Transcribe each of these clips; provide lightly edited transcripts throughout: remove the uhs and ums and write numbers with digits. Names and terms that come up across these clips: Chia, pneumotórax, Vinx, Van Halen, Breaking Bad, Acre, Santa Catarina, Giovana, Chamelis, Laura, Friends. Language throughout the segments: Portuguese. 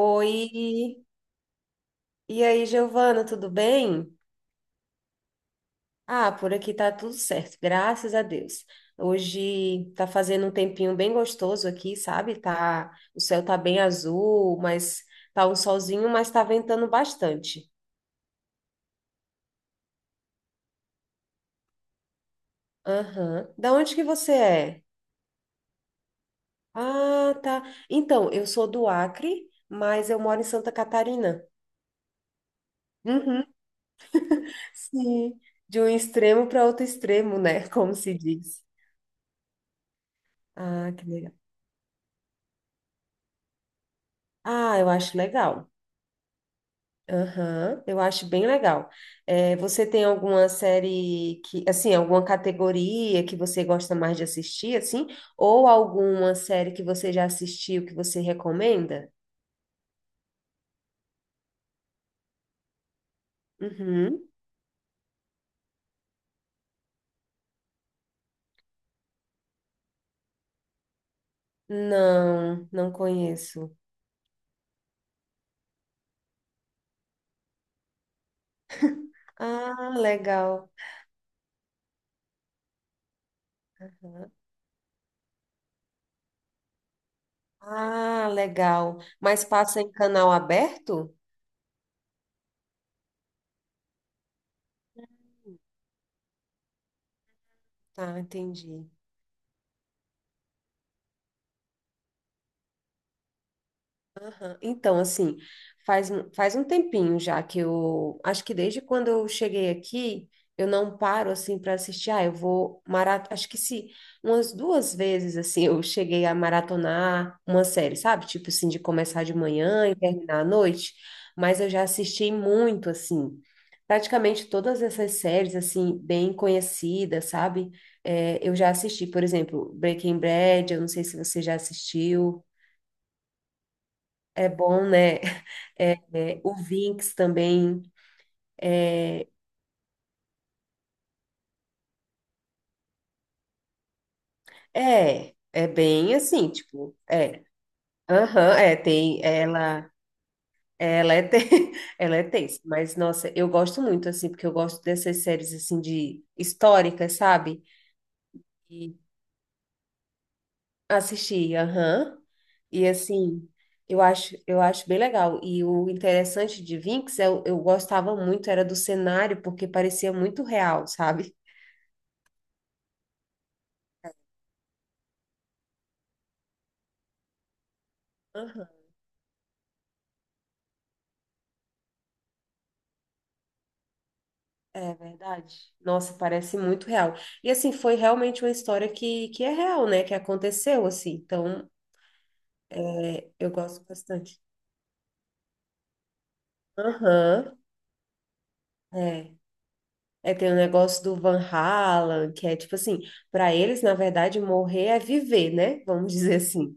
Oi, e aí, Giovana, tudo bem? Ah, por aqui tá tudo certo, graças a Deus. Hoje tá fazendo um tempinho bem gostoso aqui, sabe? Tá, o céu tá bem azul, mas tá um solzinho, mas tá ventando bastante. Aham. Da onde que você é? Ah, tá. Então, eu sou do Acre, mas eu moro em Santa Catarina. Uhum. Sim, de um extremo para outro extremo, né? Como se diz. Ah, que legal. Ah, eu acho legal. Aham, eu acho bem legal. É, você tem alguma série que, assim, alguma categoria que você gosta mais de assistir, assim? Ou alguma série que você já assistiu que você recomenda? Uhum. Não, não conheço. Ah, legal. Ah, legal. Mas passa em canal aberto? Tá, entendi. Aham. Então, assim, faz, faz um tempinho já que eu. Acho que desde quando eu cheguei aqui, eu não paro, assim, para assistir. Ah, eu vou maratonar. Acho que se umas duas vezes, assim, eu cheguei a maratonar uma série, sabe? Tipo assim, de começar de manhã e terminar à noite. Mas eu já assisti muito, assim. Praticamente todas essas séries, assim, bem conhecidas, sabe? É, eu já assisti, por exemplo, Breaking Bad, eu não sei se você já assistiu. É bom, né? É o Vinx também. É, é bem assim, tipo, é. Aham, é, tem, ela é, te- ela é tensa, mas, nossa, eu gosto muito, assim, porque eu gosto dessas séries, assim, de históricas, sabe? E assisti, aham, e, assim, eu acho bem legal, e o interessante de Vinx, eu gostava muito, era do cenário, porque parecia muito real, sabe? É verdade. Nossa, parece muito real. E assim, foi realmente uma história que é real, né? Que aconteceu, assim. Então, é, eu gosto bastante. Aham, é. É, tem o negócio do Van Halen, que é tipo assim, para eles, na verdade, morrer é viver, né? Vamos dizer assim.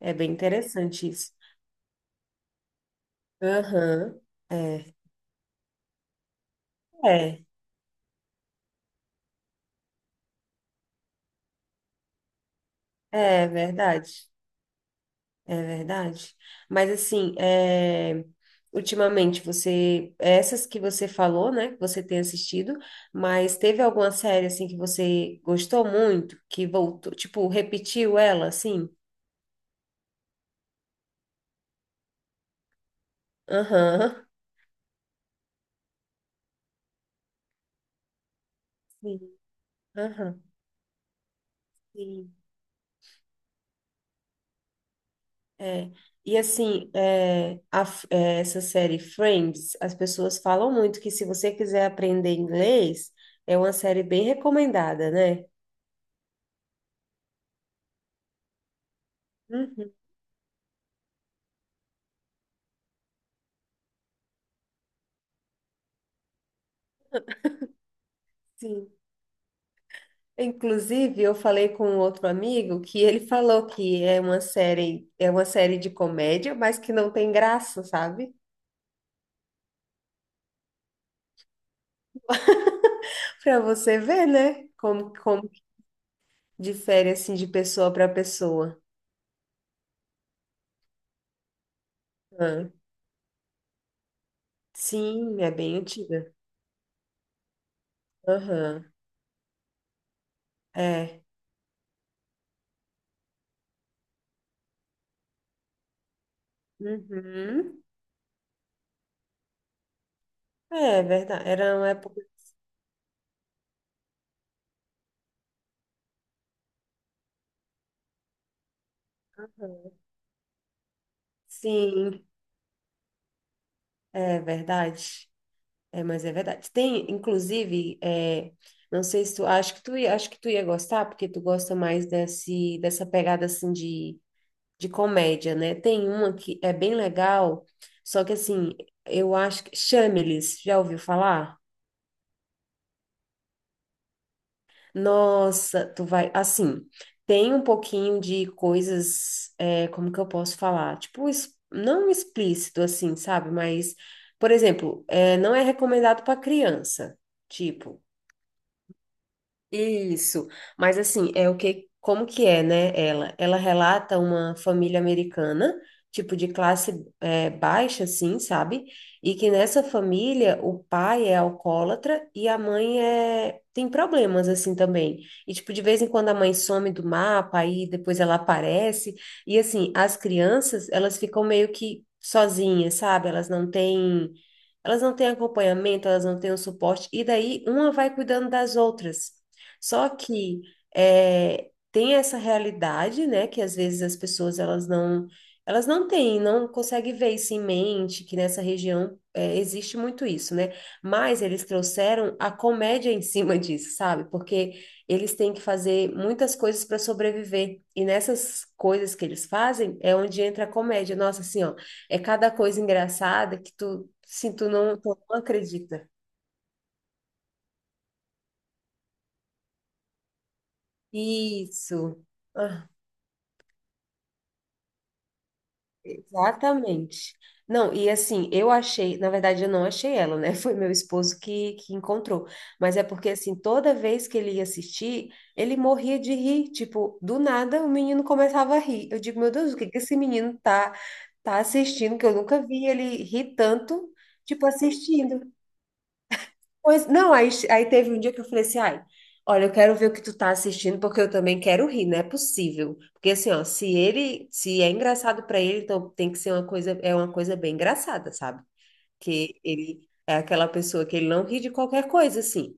É bem interessante isso. Aham, é. É, é verdade. É verdade. Mas assim, é, ultimamente você, essas que você falou, né, que você tem assistido, mas teve alguma série assim que você gostou muito, que voltou, tipo, repetiu ela, assim? Aham. Sim. Aham. Sim. É. E assim, essa série Friends, as pessoas falam muito que se você quiser aprender inglês, é uma série bem recomendada, né? Uhum. Sim. Inclusive, eu falei com um outro amigo que ele falou que é uma série de comédia, mas que não tem graça, sabe? Para você ver, né? Como difere assim de pessoa para pessoa. Ah, sim, é bem antiga. Aham. É. Uhum. É verdade. Era uma época. Sim, é verdade. É, mas é verdade. Tem, inclusive, é, não sei se tu, acho que tu ia, acho que tu ia gostar, porque tu gosta mais dessa pegada, assim, de comédia, né? Tem uma que é bem legal, só que, assim, eu acho que... Chamelis, já ouviu falar? Nossa, tu vai... Assim, tem um pouquinho de coisas, é, como que eu posso falar? Tipo, não explícito, assim, sabe? Mas, por exemplo, é, não é recomendado para criança, tipo... Isso, mas assim, é o que, como que é, né, ela? Ela relata uma família americana, tipo de classe é, baixa, assim, sabe? E que nessa família o pai é alcoólatra e a mãe é, tem problemas, assim, também. E, tipo, de vez em quando a mãe some do mapa, aí depois ela aparece. E, assim, as crianças, elas ficam meio que sozinhas, sabe? Elas não têm acompanhamento, elas não têm o suporte, e daí uma vai cuidando das outras. Só que é, tem essa realidade, né, que às vezes as pessoas elas não têm, não conseguem ver isso em mente, que nessa região é, existe muito isso, né? Mas eles trouxeram a comédia em cima disso, sabe? Porque eles têm que fazer muitas coisas para sobreviver. E nessas coisas que eles fazem é onde entra a comédia. Nossa, assim, ó, é cada coisa engraçada que tu, se tu não, tu não acredita. Isso. Exatamente. Não, e assim, eu achei, na verdade eu não achei ela, né? Foi meu esposo que encontrou. Mas é porque, assim, toda vez que ele ia assistir, ele morria de rir. Tipo, do nada o menino começava a rir. Eu digo, meu Deus, o que que esse menino tá assistindo que eu nunca vi ele rir tanto, tipo, assistindo. Pois, não, aí teve um dia que eu falei assim, ai, olha, eu quero ver o que tu tá assistindo, porque eu também quero rir, não é possível. Porque assim, ó, se ele, se é engraçado pra ele, então tem que ser uma coisa, é uma coisa bem engraçada, sabe? Que ele é aquela pessoa que ele não ri de qualquer coisa, assim.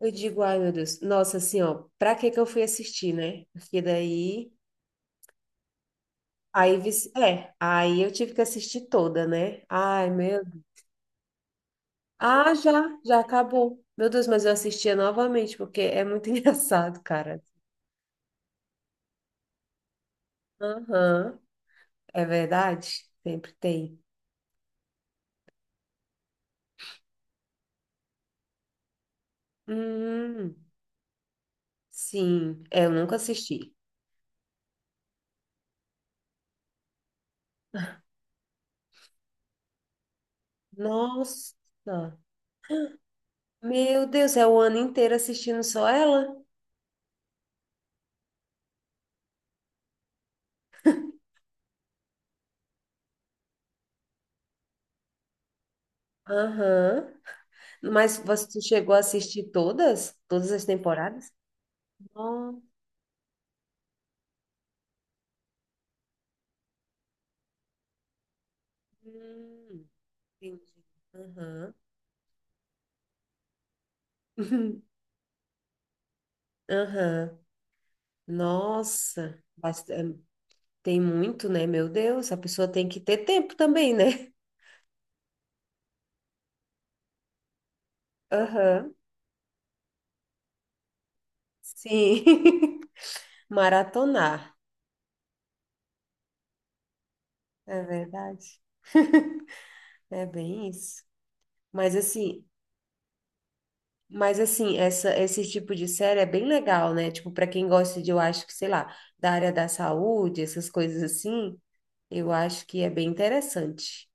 Eu digo, ai, meu Deus, nossa, assim, ó, pra que que eu fui assistir, né? Porque daí, aí eu tive que assistir toda, né? Ai, meu Ah, já, já acabou. Meu Deus, mas eu assistia novamente, porque é muito engraçado, cara. Aham, é verdade? Sempre tem. Hum, sim, é, eu nunca assisti. Nossa, meu Deus, é o ano inteiro assistindo só ela? Aham. Mas você tu chegou a assistir todas? Todas as temporadas? Nossa, hum, entendi. Aham. Aham. Nossa, bastante, tem muito, né? Meu Deus, a pessoa tem que ter tempo também, né? Aham, sim. Maratonar, é verdade. É bem isso. Mas assim, mas assim, essa, esse tipo de série é bem legal, né? Tipo, para quem gosta de, eu acho que, sei lá, da área da saúde, essas coisas assim, eu acho que é bem interessante.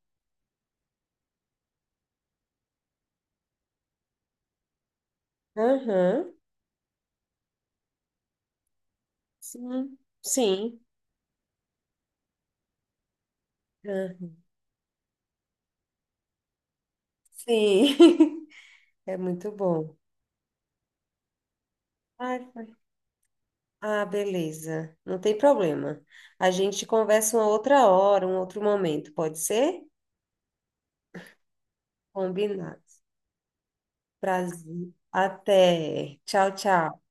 Aham, sim, sim, aham, sim. É muito bom. Ai, ah, beleza. Não tem problema. A gente conversa uma outra hora, um outro momento, pode ser? Combinado. Prazer. Até. Tchau, tchau.